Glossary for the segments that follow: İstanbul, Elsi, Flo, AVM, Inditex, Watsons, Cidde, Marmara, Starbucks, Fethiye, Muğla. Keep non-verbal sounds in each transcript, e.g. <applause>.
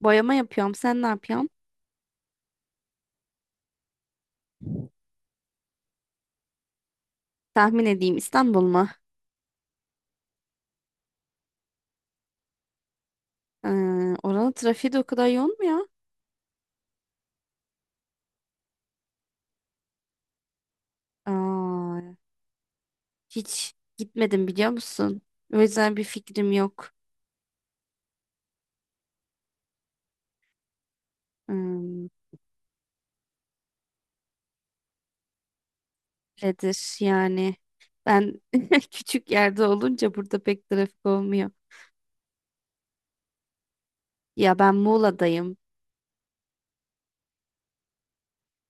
Boyama yapıyorum. Sen ne yapıyorsun? Tahmin edeyim İstanbul mu? Ee, oranın trafiği de o kadar yoğun mu ya? Aa, hiç gitmedim biliyor musun? O yüzden bir fikrim yok. Hmm, Öyledir yani. Ben <laughs> küçük yerde olunca burada pek trafik olmuyor. Ya ben Muğla'dayım.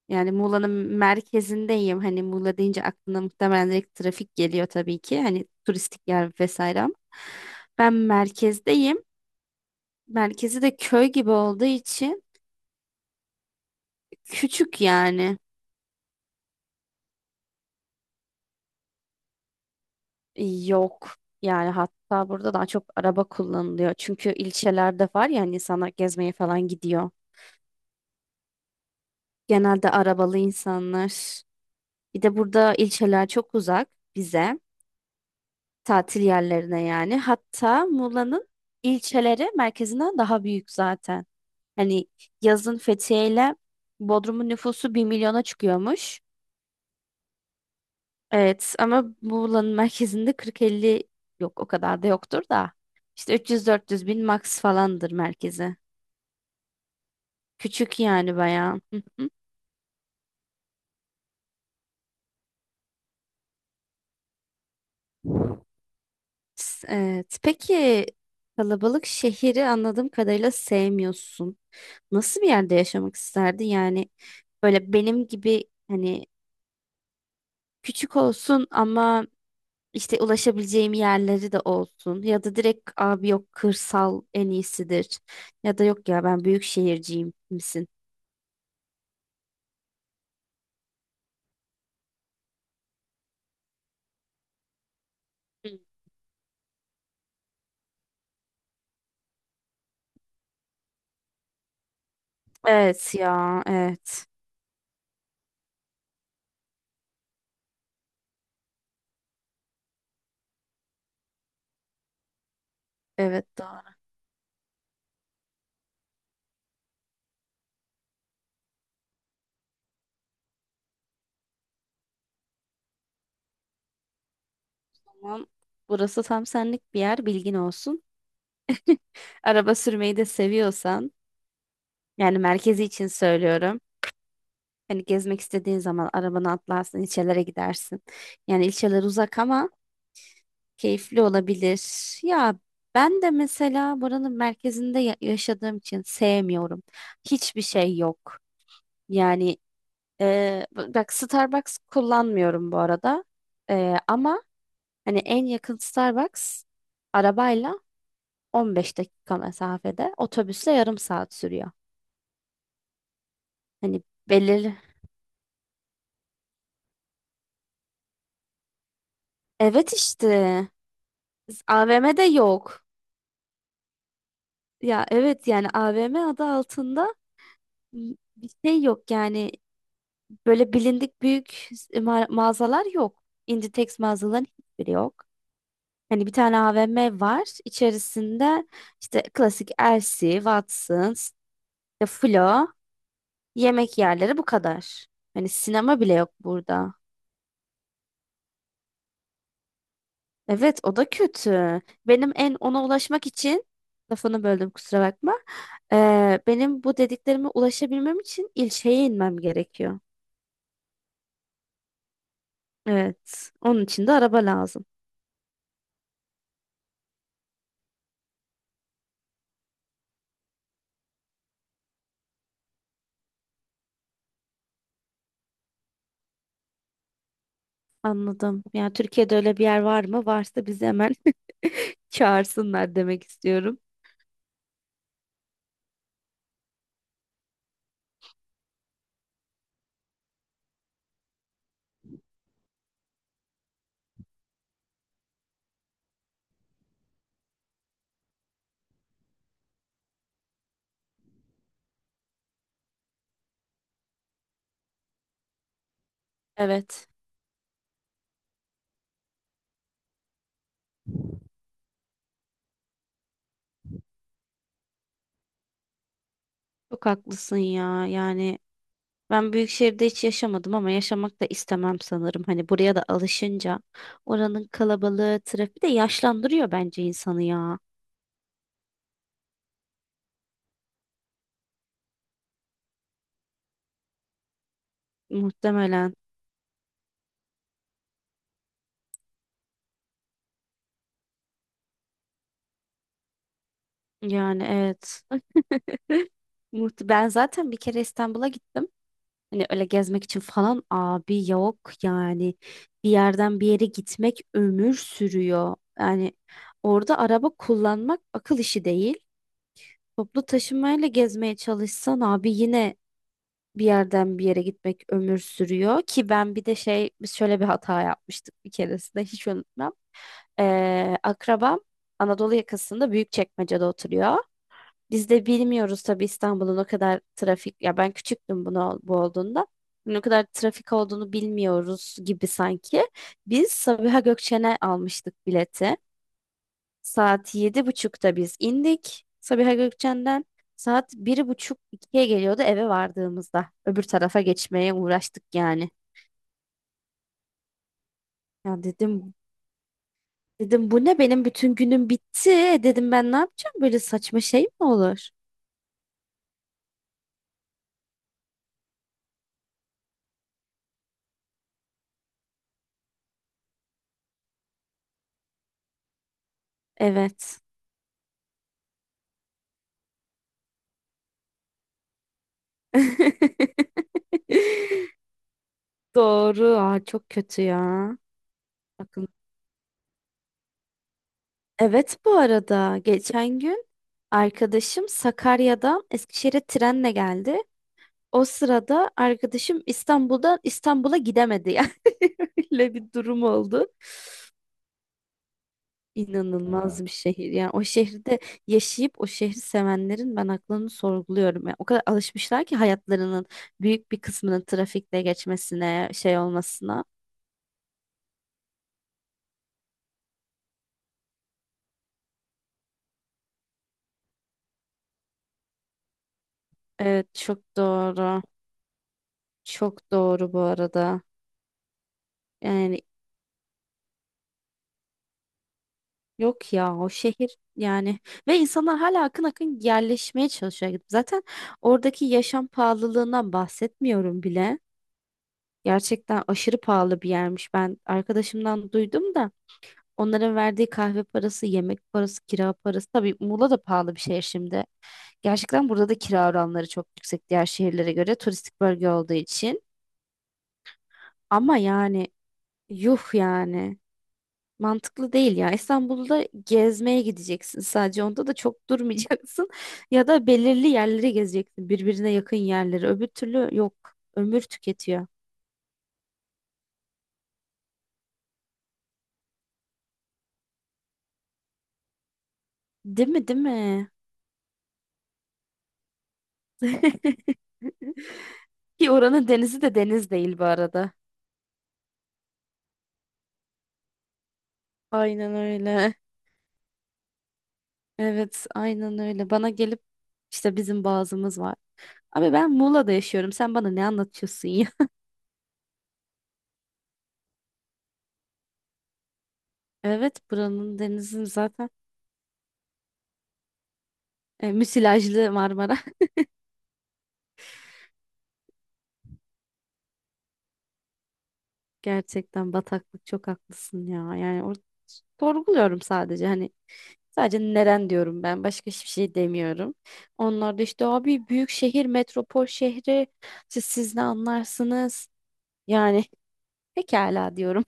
Yani Muğla'nın merkezindeyim. Hani Muğla deyince aklına muhtemelen direkt trafik geliyor tabii ki. Hani turistik yer vesaire ama. Ben merkezdeyim. Merkezi de köy gibi olduğu için küçük yani. Yok. Yani hatta burada daha çok araba kullanılıyor. Çünkü ilçelerde var ya hani insanlar gezmeye falan gidiyor. Genelde arabalı insanlar. Bir de burada ilçeler çok uzak bize. Tatil yerlerine yani. Hatta Muğla'nın ilçeleri merkezinden daha büyük zaten. Hani yazın Fethiye ile Bodrum'un nüfusu bir milyona çıkıyormuş. Evet ama Muğla'nın merkezinde 40-50, yok o kadar da yoktur da. İşte 300-400 bin max falandır merkezi. Küçük yani bayağı. Hı hı. Evet. Peki kalabalık şehri anladığım kadarıyla sevmiyorsun. Nasıl bir yerde yaşamak isterdin? Yani böyle benim gibi hani küçük olsun ama işte ulaşabileceğim yerleri de olsun. Ya da direkt abi yok, kırsal en iyisidir. Ya da yok ya ben büyük şehirciyim misin? Evet ya evet. Evet doğru. Tamam. Burası tam senlik bir yer, bilgin olsun. <laughs> Araba sürmeyi de seviyorsan, yani merkezi için söylüyorum. Hani gezmek istediğin zaman arabanı atlarsın, ilçelere gidersin. Yani ilçeler uzak ama keyifli olabilir. Ya ben de mesela buranın merkezinde yaşadığım için sevmiyorum. Hiçbir şey yok. Yani e, bak, Starbucks kullanmıyorum bu arada. Ama hani en yakın Starbucks arabayla 15 dakika mesafede, otobüsle yarım saat sürüyor. Hani belirli. Evet işte. AVM'de yok. Ya evet yani AVM adı altında bir şey yok yani, böyle bilindik büyük mağazalar yok. Inditex mağazaların hiçbiri yok. Hani bir tane AVM var. İçerisinde işte klasik Elsi, Watsons, işte Flo, yemek yerleri, bu kadar. Hani sinema bile yok burada. Evet, o da kötü. Benim en ona ulaşmak için... Lafını böldüm, kusura bakma. Benim bu dediklerime ulaşabilmem için ilçeye inmem gerekiyor. Evet. Onun için de araba lazım. Anladım. Yani Türkiye'de öyle bir yer var mı? Varsa bizi hemen <laughs> çağırsınlar demek istiyorum. Evet. Çok haklısın ya. Yani ben büyük şehirde hiç yaşamadım ama yaşamak da istemem sanırım. Hani buraya da alışınca oranın kalabalığı, trafiği de yaşlandırıyor bence insanı ya. Muhtemelen. Yani evet. <laughs> Ben zaten bir kere İstanbul'a gittim. Hani öyle gezmek için falan, abi yok yani. Bir yerden bir yere gitmek ömür sürüyor. Yani orada araba kullanmak akıl işi değil. Toplu taşımayla gezmeye çalışsan abi yine bir yerden bir yere gitmek ömür sürüyor ki ben bir de şey, biz şöyle bir hata yapmıştık bir keresinde, hiç unutmam. Akrabam Anadolu yakasında Büyükçekmece'de oturuyor. Biz de bilmiyoruz tabii İstanbul'un o kadar trafik, ya ben küçüktüm bunu bu olduğunda. Ne kadar trafik olduğunu bilmiyoruz gibi sanki. Biz Sabiha Gökçen'e almıştık bileti. Saat 7.30'da biz indik Sabiha Gökçen'den. Saat bir buçuk ikiye geliyordu eve vardığımızda. Öbür tarafa geçmeye uğraştık yani. Ya dedim bu ne, benim bütün günüm bitti. E dedim, ben ne yapacağım, böyle saçma şey mi olur? Evet. <laughs> Doğru. Çok kötü ya. Bakın. Evet, bu arada geçen gün arkadaşım Sakarya'dan Eskişehir'e trenle geldi. O sırada arkadaşım İstanbul'dan İstanbul'a gidemedi yani. <laughs> Öyle bir durum oldu. İnanılmaz bir şehir. Yani o şehirde yaşayıp o şehri sevenlerin ben aklını sorguluyorum. Yani o kadar alışmışlar ki hayatlarının büyük bir kısmının trafikte geçmesine, şey olmasına. Evet, çok doğru. Çok doğru bu arada. Yani yok ya o şehir yani, ve insanlar hala akın akın yerleşmeye çalışıyor. Zaten oradaki yaşam pahalılığından bahsetmiyorum bile. Gerçekten aşırı pahalı bir yermiş. Ben arkadaşımdan duydum da, onların verdiği kahve parası, yemek parası, kira parası. Tabii Muğla da pahalı bir şehir şimdi. Gerçekten burada da kira oranları çok yüksek diğer şehirlere göre, turistik bölge olduğu için. Ama yani yuh yani. Mantıklı değil ya. İstanbul'da gezmeye gideceksin sadece. Onda da çok durmayacaksın. <laughs> Ya da belirli yerleri gezeceksin. Birbirine yakın yerleri. Öbür türlü yok. Ömür tüketiyor. Değil mi? Değil mi? <laughs> Ki oranın denizi de deniz değil bu arada. Aynen öyle. Evet, aynen öyle. Bana gelip işte, bizim boğazımız var. Abi, ben Muğla'da yaşıyorum. Sen bana ne anlatıyorsun ya? <laughs> Evet, buranın denizin zaten müsilajlı Marmara. Gerçekten bataklık, çok haklısın ya. Yani sorguluyorum sadece, hani sadece neren diyorum, ben başka hiçbir şey demiyorum. Onlar da işte abi, büyük şehir, metropol şehri, işte siz ne anlarsınız? Yani <laughs> pekala diyorum.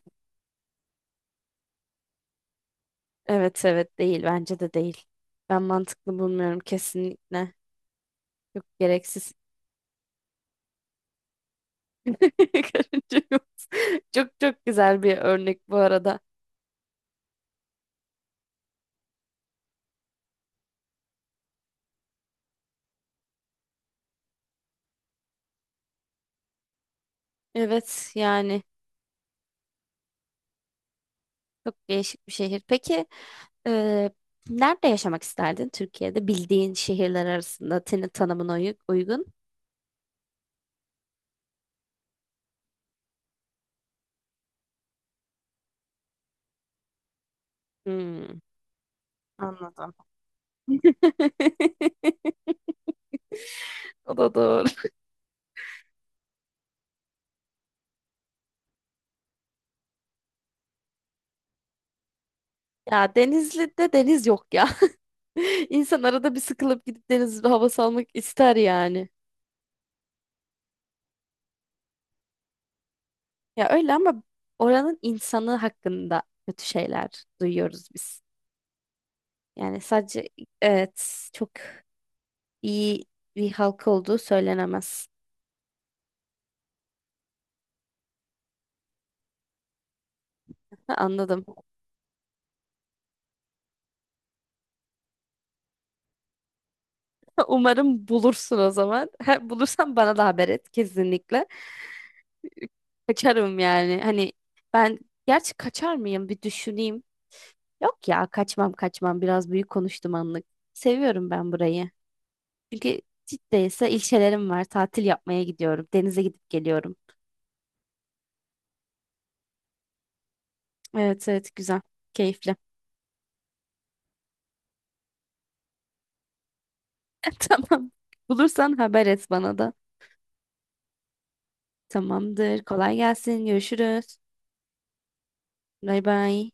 Evet evet, değil, bence de değil. Ben mantıklı bulmuyorum kesinlikle. Çok gereksiz. <laughs> Karınca yok. Çok çok güzel bir örnek bu arada. Evet yani. Çok değişik bir şehir. Peki e, nerede yaşamak isterdin Türkiye'de? Bildiğin şehirler arasında senin tanımına uygun. Hmm. Anladım. <laughs> O da doğru. Ya Denizli'de deniz yok ya. <laughs> İnsan arada bir sıkılıp gidip deniz havası almak ister yani. Ya öyle ama oranın insanı hakkında kötü şeyler duyuyoruz biz. Yani sadece, evet, çok iyi bir halk olduğu söylenemez. <laughs> Ha, anladım. Umarım bulursun o zaman. <laughs> Bulursan bana da haber et kesinlikle. Kaçarım yani. Hani ben, gerçi kaçar mıyım bir düşüneyim. Yok ya, kaçmam kaçmam, biraz büyük konuştum anlık. Seviyorum ben burayı. Çünkü Cidde ise ilçelerim var. Tatil yapmaya gidiyorum. Denize gidip geliyorum. Evet evet, güzel. Keyifli. <laughs> Tamam. Bulursan haber et bana da. Tamamdır. Kolay gelsin. Görüşürüz. Bay bay.